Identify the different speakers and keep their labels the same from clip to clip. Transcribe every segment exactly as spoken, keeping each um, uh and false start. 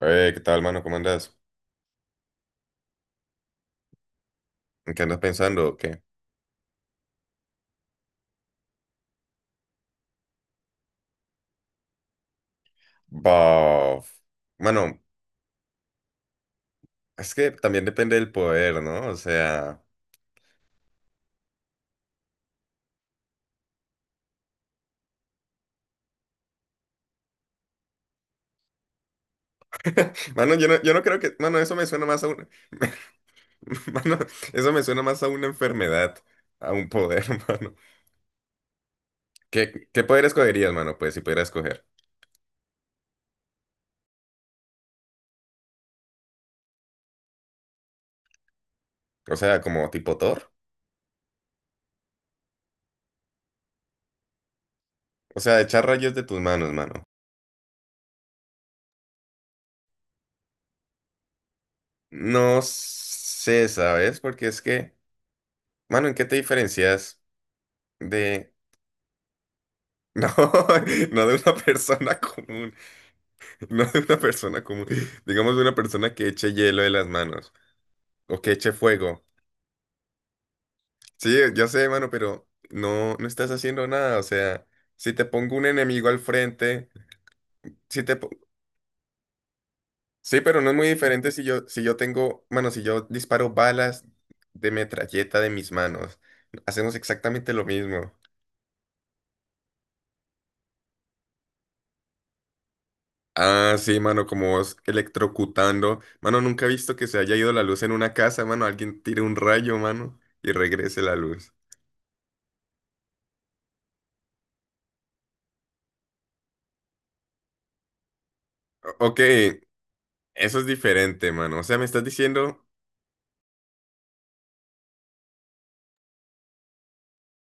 Speaker 1: Eh, ¿qué tal, mano? ¿Cómo andas? ¿En qué andas pensando? ¿O ¿Qué? Bah. Mano, es que también depende del poder, ¿no? O sea, mano, yo no, yo no creo que, mano, eso me suena más a un, mano, eso me suena más a una enfermedad, a un poder, mano. ¿Qué, qué poder escogerías, mano? Pues si pudieras escoger. O sea, como tipo Thor. O sea, echar rayos de tus manos, mano. No sé, ¿sabes? Porque es que, mano, ¿en qué te diferencias de... No, no de una persona común. No de una persona común, digamos de una persona que eche hielo de las manos o que eche fuego. Sí, ya sé, mano, pero no, no estás haciendo nada. O sea, si te pongo un enemigo al frente, si te po- sí, pero no es muy diferente si yo, si yo tengo, mano, si yo disparo balas de metralleta de mis manos, hacemos exactamente lo mismo. Ah, sí, mano, como vos electrocutando. Mano, nunca he visto que se haya ido la luz en una casa, mano. Alguien tire un rayo, mano, y regrese la luz. O- Ok. Eso es diferente, mano. O sea, me estás diciendo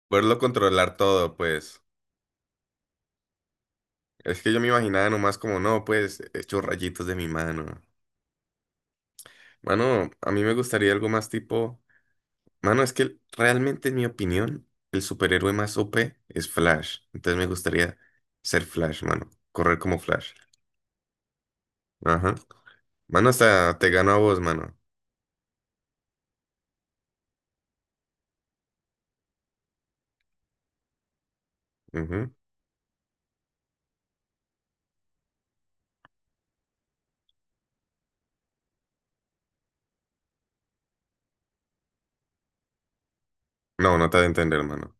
Speaker 1: poderlo controlar todo, pues. Es que yo me imaginaba nomás como, no, pues, hecho rayitos de mi mano. Mano, a mí me gustaría algo más tipo. Mano, es que realmente, en mi opinión, el superhéroe más O P es Flash. Entonces me gustaría ser Flash, mano. Correr como Flash. Ajá. Mano, hasta te gano a vos, mano. Ujú. No, no te ha de entender, mano.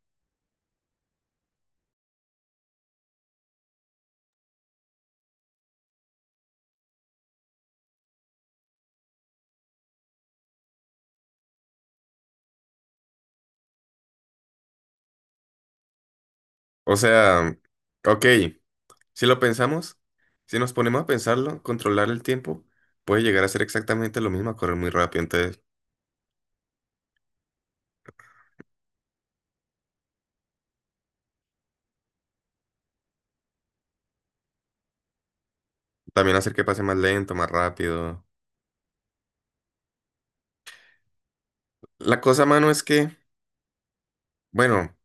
Speaker 1: O sea, ok. Si lo pensamos, si nos ponemos a pensarlo, controlar el tiempo puede llegar a ser exactamente lo mismo, a correr muy rápido. Entonces, también hacer que pase más lento, más rápido. La cosa, mano, es que, bueno,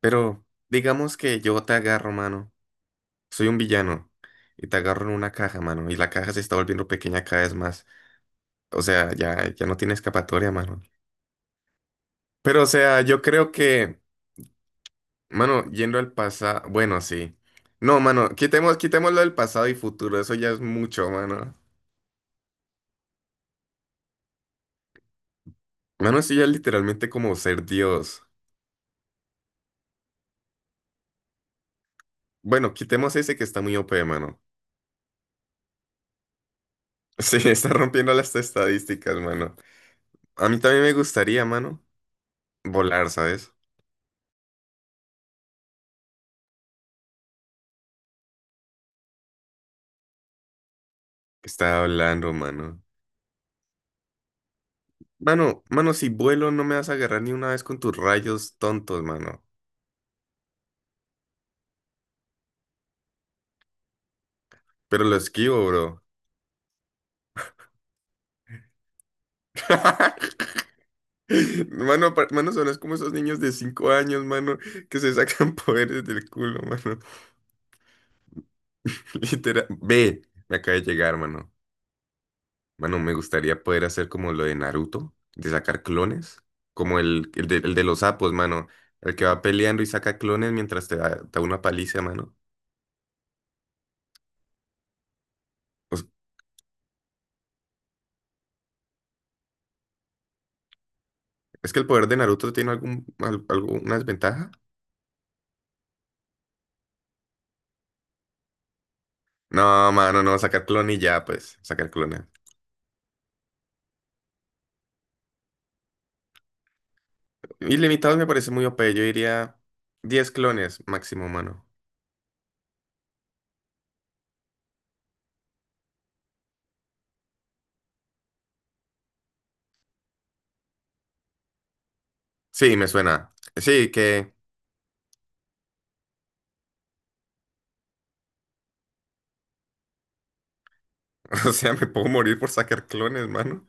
Speaker 1: pero digamos que yo te agarro, mano. Soy un villano y te agarro en una caja, mano. Y la caja se está volviendo pequeña cada vez más. O sea, ya, ya no tiene escapatoria, mano. Pero, o sea, yo creo que, mano, yendo al pasado, bueno, sí. No, mano, quitemos, quitémoslo del pasado y futuro. Eso ya es mucho, mano. Mano, sí, ya literalmente como ser Dios. Bueno, quitemos ese que está muy O P, mano. Sí, está rompiendo las estadísticas, mano. A mí también me gustaría, mano, volar, ¿sabes? Está hablando, mano. Mano, mano, si vuelo no me vas a agarrar ni una vez con tus rayos tontos, mano. Pero lo esquivo, bro. Mano, pa- mano, son es como esos niños de cinco años, mano, que se sacan poderes del culo, mano. Literal. Ve, me acaba de llegar, mano. Mano, me gustaría poder hacer como lo de Naruto, de sacar clones, como el, el de, el de los sapos, mano, el que va peleando y saca clones mientras te da, da una paliza, mano. Pues, ¿es que el poder de Naruto tiene algún, al- alguna desventaja? No, mano, no, sacar clones y ya, pues, sacar clones. Ilimitados me parece muy O P, yo diría diez clones máximo, mano. Sí, me suena. Sí, que, o sea, me puedo morir por sacar clones, mano.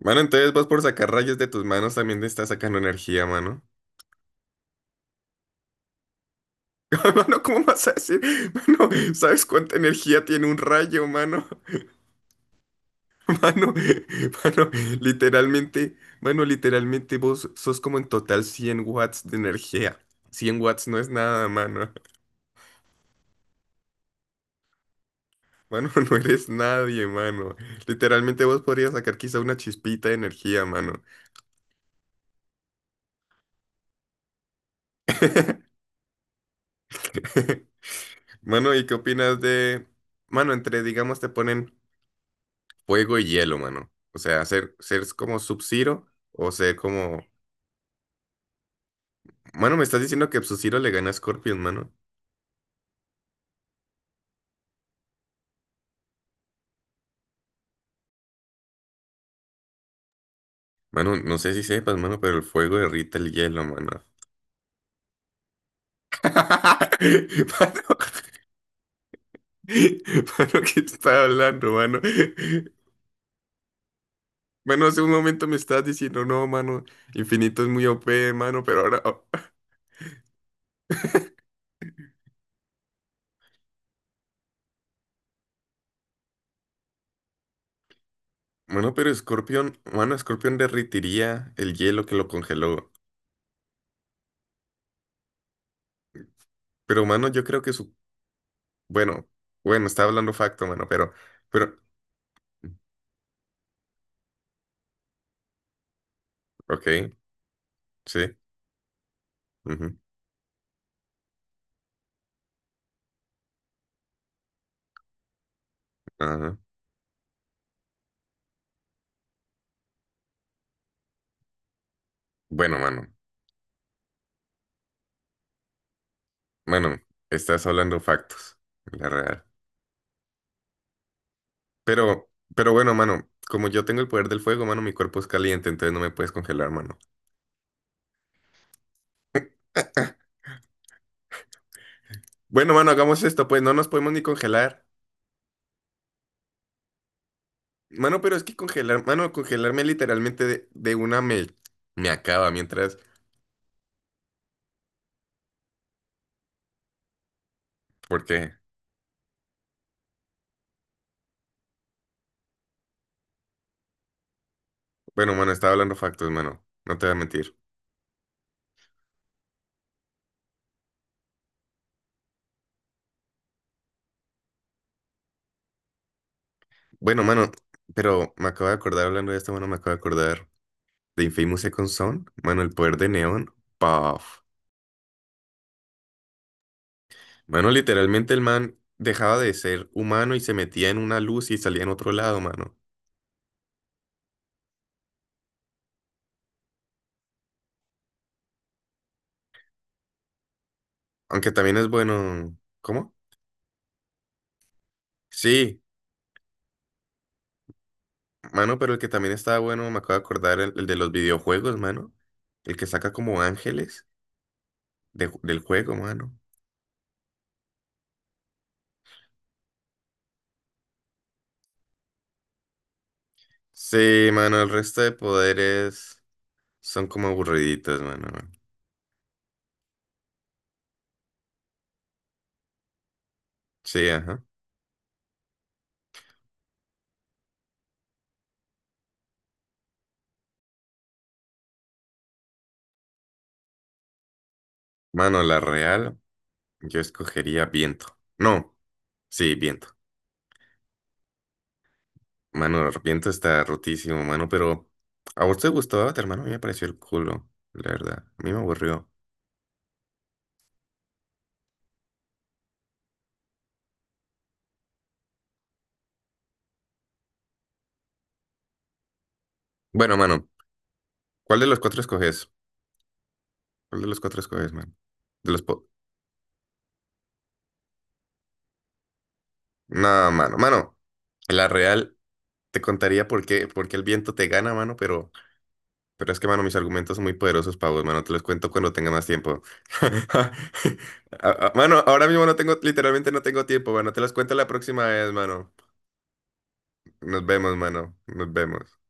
Speaker 1: Mano, entonces vos por sacar rayos de tus manos también te estás sacando energía, mano. Mano, ¿cómo vas a decir? Mano, ¿sabes cuánta energía tiene un rayo, mano? Mano, mano, literalmente, mano, literalmente vos sos como en total cien watts de energía. cien watts no es nada, mano. Mano, no eres nadie, mano. Literalmente vos podrías sacar quizá una chispita de energía, mano. Mano, ¿y qué opinas de, mano, entre, digamos, te ponen fuego y hielo, mano? O sea, ser, ser como Sub-Zero o ser como... Mano, me estás diciendo que Sub-Zero le gana a Scorpion, mano. Mano, no sé si sepas, mano, pero el fuego derrita el hielo, mano. Mano, mano, ¿qué estás hablando, mano? Mano, hace un momento me estabas diciendo, no, mano, infinito es muy O P, mano, pero ahora... oh. Mano, pero Scorpion, mano, Scorpion derritiría el hielo que lo congeló. Pero, mano, yo creo que su... Bueno, bueno, estaba hablando facto, mano, pero... Pero... Ok, sí. Ujú, ajá. Bueno, mano. Bueno, estás hablando factos, la real. Pero, pero bueno, mano, como yo tengo el poder del fuego, mano, mi cuerpo es caliente, entonces no me puedes congelar, mano. Bueno, mano, hagamos esto, pues no nos podemos ni congelar. Mano, pero es que congelar, mano, congelarme literalmente de, de una me, me acaba mientras. Porque, bueno, mano, estaba hablando factos, mano. No te voy a mentir. Bueno, mano, pero me acabo de acordar hablando de esto, mano, me acabo de acordar de Infamous Second Son, mano, el poder de Neon. Paf. Mano, literalmente el man dejaba de ser humano y se metía en una luz y salía en otro lado, mano. Aunque también es bueno. ¿Cómo? Sí, mano, pero el que también estaba bueno, me acabo de acordar, el, el de los videojuegos, mano. El que saca como ángeles de ju- del juego, mano. Sí, mano, el resto de poderes son como aburriditos, mano. Sí, ajá. Mano, la real, yo escogería viento. No, sí, viento. Mano, Arrepiento está rotísimo, mano, pero a vos te gustó Avatar, mano, a mí me pareció el culo, la verdad. A mí me aburrió. Bueno, mano, ¿cuál de los cuatro escoges? ¿Cuál de los cuatro escoges, mano? De los po- no, mano, mano, la real te contaría por qué, por qué el viento te gana, mano, pero, pero es que, mano, mis argumentos son muy poderosos para vos, mano, te los cuento cuando tenga más tiempo. A- a- Mano, ahora mismo no tengo, literalmente no tengo tiempo, mano, te los cuento la próxima vez, mano. Nos vemos, mano, nos vemos.